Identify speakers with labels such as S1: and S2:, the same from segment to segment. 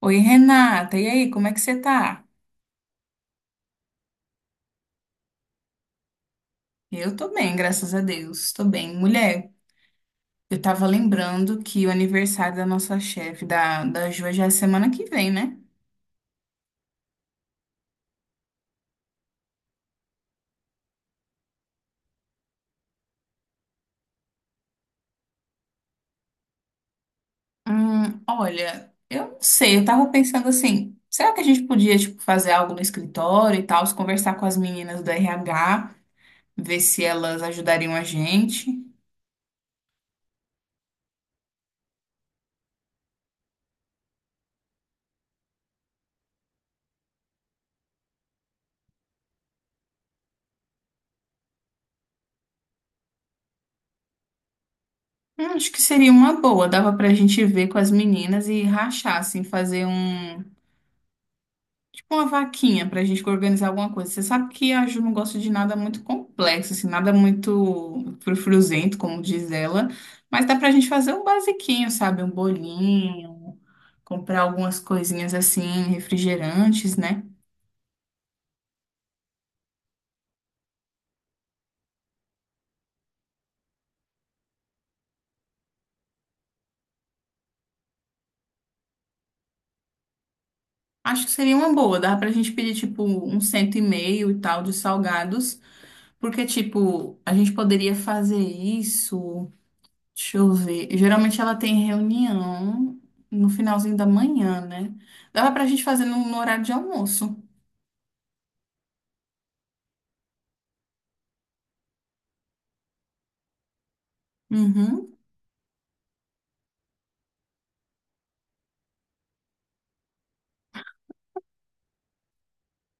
S1: Oi, Renata, e aí, como é que você tá? Eu tô bem, graças a Deus, tô bem. Mulher, eu tava lembrando que o aniversário da nossa chefe, da Ju, já é semana que vem, né? Olha, eu não sei, eu tava pensando assim, será que a gente podia, tipo, fazer algo no escritório e tal, conversar com as meninas do RH, ver se elas ajudariam a gente? Acho que seria uma boa, dava pra gente ver com as meninas e rachar, assim, fazer um. Uma vaquinha pra gente organizar alguma coisa. Você sabe que a Ju não gosta de nada muito complexo, assim, nada muito frufruzento, como diz ela. Mas dá pra gente fazer um basiquinho, sabe? Um bolinho, comprar algumas coisinhas assim, refrigerantes, né? Acho que seria uma boa. Dá pra gente pedir, tipo, 150 e tal de salgados. Porque, tipo, a gente poderia fazer isso. Deixa eu ver. Geralmente ela tem reunião no finalzinho da manhã, né? Dava pra gente fazer no horário de almoço. Uhum.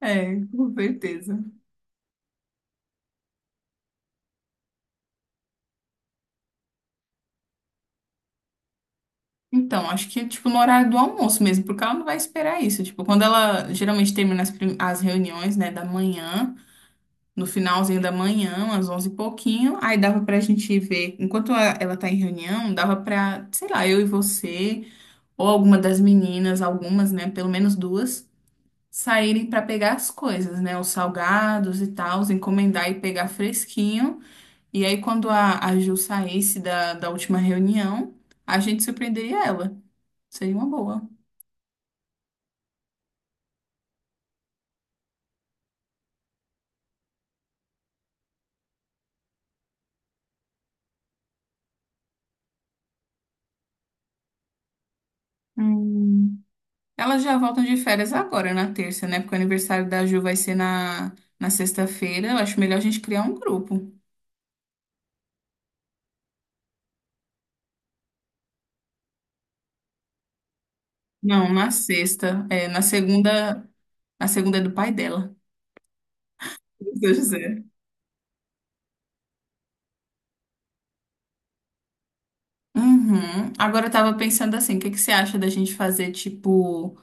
S1: É, com certeza. Então, acho que, tipo, no horário do almoço mesmo, porque ela não vai esperar isso. Tipo, quando ela geralmente termina as reuniões, né, da manhã, no finalzinho da manhã, às 11 e pouquinho, aí dava pra gente ver. Enquanto ela tá em reunião, dava pra, sei lá, eu e você, ou alguma das meninas, algumas, né, pelo menos duas saírem para pegar as coisas, né? Os salgados e tal, encomendar e pegar fresquinho. E aí, quando a Ju saísse da última reunião, a gente surpreenderia ela. Seria uma boa. Hum. Elas já voltam de férias agora, na terça, né? Porque o aniversário da Ju vai ser na sexta-feira. Eu acho melhor a gente criar um grupo. Não, na sexta. É, na segunda. Na segunda é do pai dela. Meu Deus do céu. Uhum. Agora eu tava pensando assim, o que que você acha da gente fazer, tipo.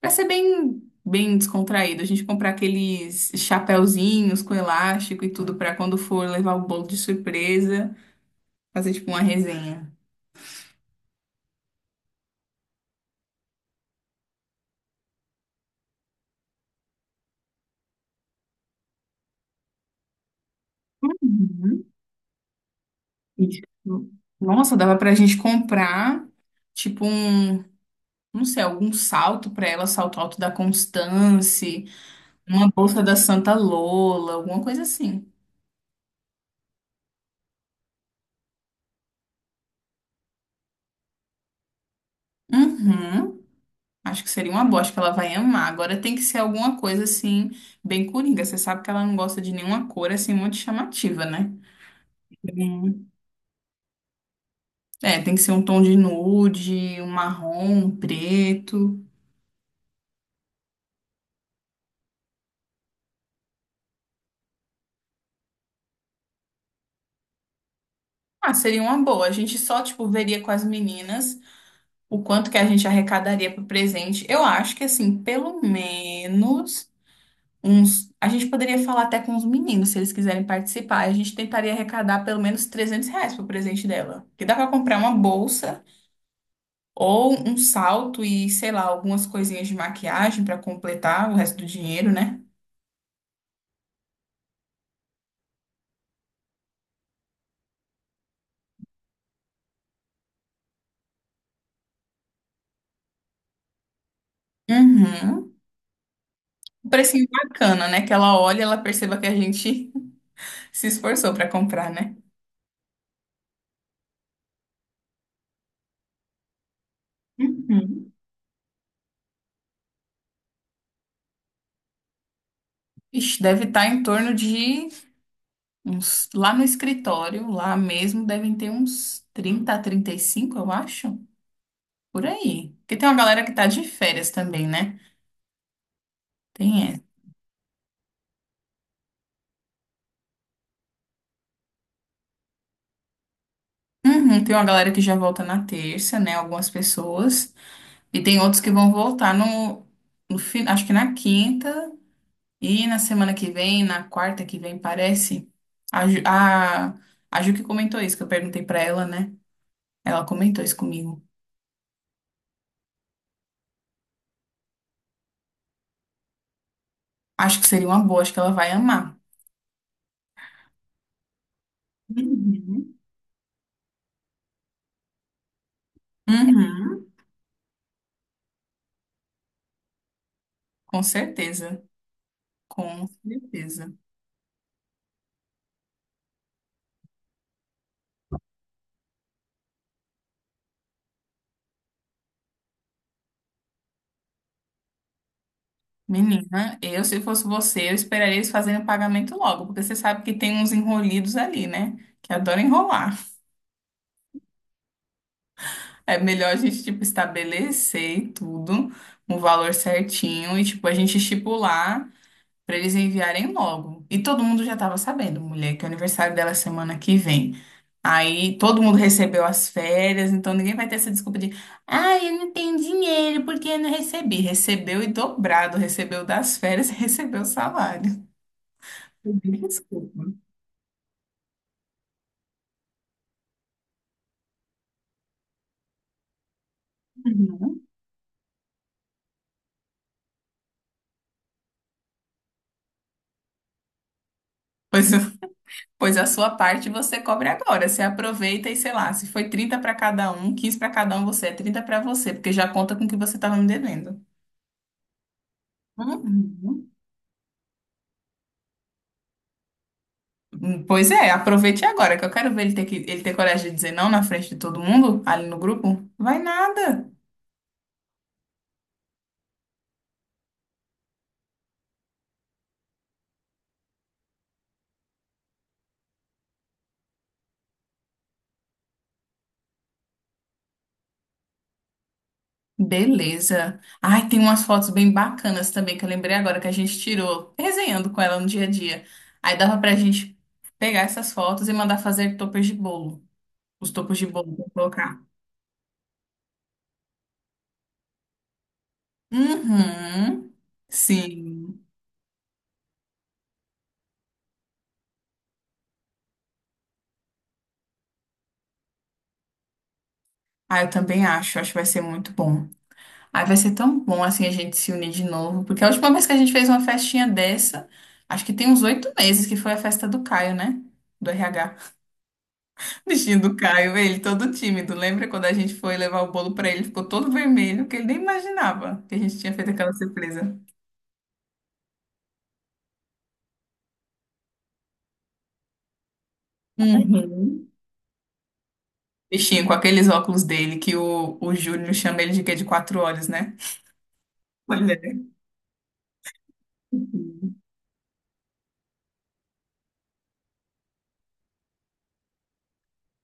S1: Pra ser bem, bem descontraído, a gente comprar aqueles chapéuzinhos com elástico e tudo pra quando for levar o bolo de surpresa, fazer tipo uma resenha. Uhum. Isso. Nossa, dava pra gente comprar tipo um, não sei, algum salto pra ela, salto alto da Constance, uma bolsa da Santa Lola, alguma coisa assim. Uhum. Acho que seria uma boa, acho que ela vai amar. Agora tem que ser alguma coisa assim, bem coringa. Você sabe que ela não gosta de nenhuma cor assim muito chamativa, né? Hum. É, tem que ser um tom de nude, um marrom, um preto. Ah, seria uma boa. A gente só, tipo, veria com as meninas o quanto que a gente arrecadaria pro presente. Eu acho que, assim, pelo menos uns. A gente poderia falar até com os meninos, se eles quiserem participar. A gente tentaria arrecadar pelo menos R$ 300 pro presente dela. Que dá pra comprar uma bolsa. Ou um salto e, sei lá, algumas coisinhas de maquiagem para completar o resto do dinheiro, né? Uhum. Um precinho bacana, né? Que ela olha e ela perceba que a gente se esforçou para comprar, né? Uhum. Ixi, deve estar em torno de uns. Lá no escritório, lá mesmo, devem ter uns 30 a 35, eu acho. Por aí. Porque tem uma galera que tá de férias também, né? Tem essa. Uhum, tem uma galera que já volta na terça, né? Algumas pessoas. E tem outros que vão voltar no fim, acho que na quinta e na semana que vem, na quarta que vem, parece. A, Ju- a, a Ju que comentou isso, que eu perguntei pra ela, né? Ela comentou isso comigo. Acho que seria uma boa, acho que ela vai amar. Uhum. Uhum. Com certeza, com certeza. Menina, eu se fosse você, eu esperaria eles fazerem o pagamento logo, porque você sabe que tem uns enrolidos ali, né? Que adoram enrolar. É melhor a gente, tipo, estabelecer tudo, um valor certinho e, tipo, a gente estipular pra eles enviarem logo. E todo mundo já tava sabendo, mulher, que o aniversário dela é semana que vem. Aí todo mundo recebeu as férias, então ninguém vai ter essa desculpa de, ah, eu não tenho dinheiro porque eu não recebi. Recebeu e dobrado, recebeu das férias e recebeu o salário. Não tem desculpa. Uhum. Pois Pois a sua parte você cobre agora. Você aproveita e sei lá, se foi 30 para cada um, 15 para cada um, você é 30 para você, porque já conta com o que você estava me devendo. Uhum. Pois é, aproveite agora, que eu quero ver ele ter, que, ele ter coragem de dizer não na frente de todo mundo, ali no grupo. Vai nada. Beleza. Ai, tem umas fotos bem bacanas também que eu lembrei agora que a gente tirou, resenhando com ela no dia a dia. Aí dava pra gente pegar essas fotos e mandar fazer toppers de bolo. Os toppers de bolo pra colocar. Uhum. Sim. Ah, eu também acho. Acho que vai ser muito bom. Aí vai ser tão bom assim a gente se unir de novo. Porque a última vez que a gente fez uma festinha dessa, acho que tem uns 8 meses que foi a festa do Caio, né? Do RH. Bichinho do Caio, ele todo tímido. Lembra quando a gente foi levar o bolo pra ele? Ficou todo vermelho, que ele nem imaginava que a gente tinha feito aquela surpresa. Uhum. Bichinho, com aqueles óculos dele, que o Júnior chama ele de quê? De quatro olhos, né? Olha.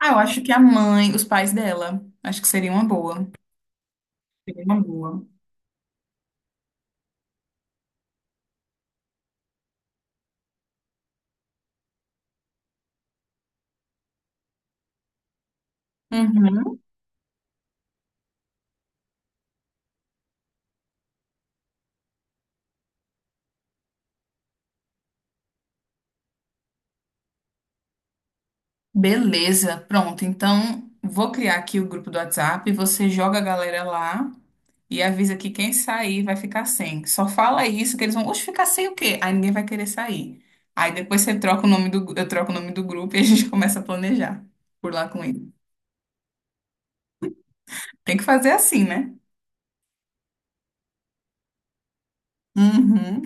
S1: Ah, eu acho que a mãe, os pais dela, acho que seria uma boa. Seria uma boa. Uhum. Beleza, pronto. Então, vou criar aqui o grupo do WhatsApp, você joga a galera lá e avisa que quem sair vai ficar sem. Só fala isso que eles vão, oxe, ficar sem o quê? Aí ninguém vai querer sair. Aí depois você troca o nome eu troco o nome do grupo e a gente começa a planejar por lá com ele. Tem que fazer assim, né? Uhum.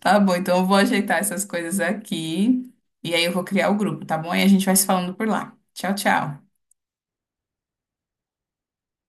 S1: Tá bom, então eu vou ajeitar essas coisas aqui e aí eu vou criar o grupo, tá bom? E a gente vai se falando por lá. Tchau, tchau.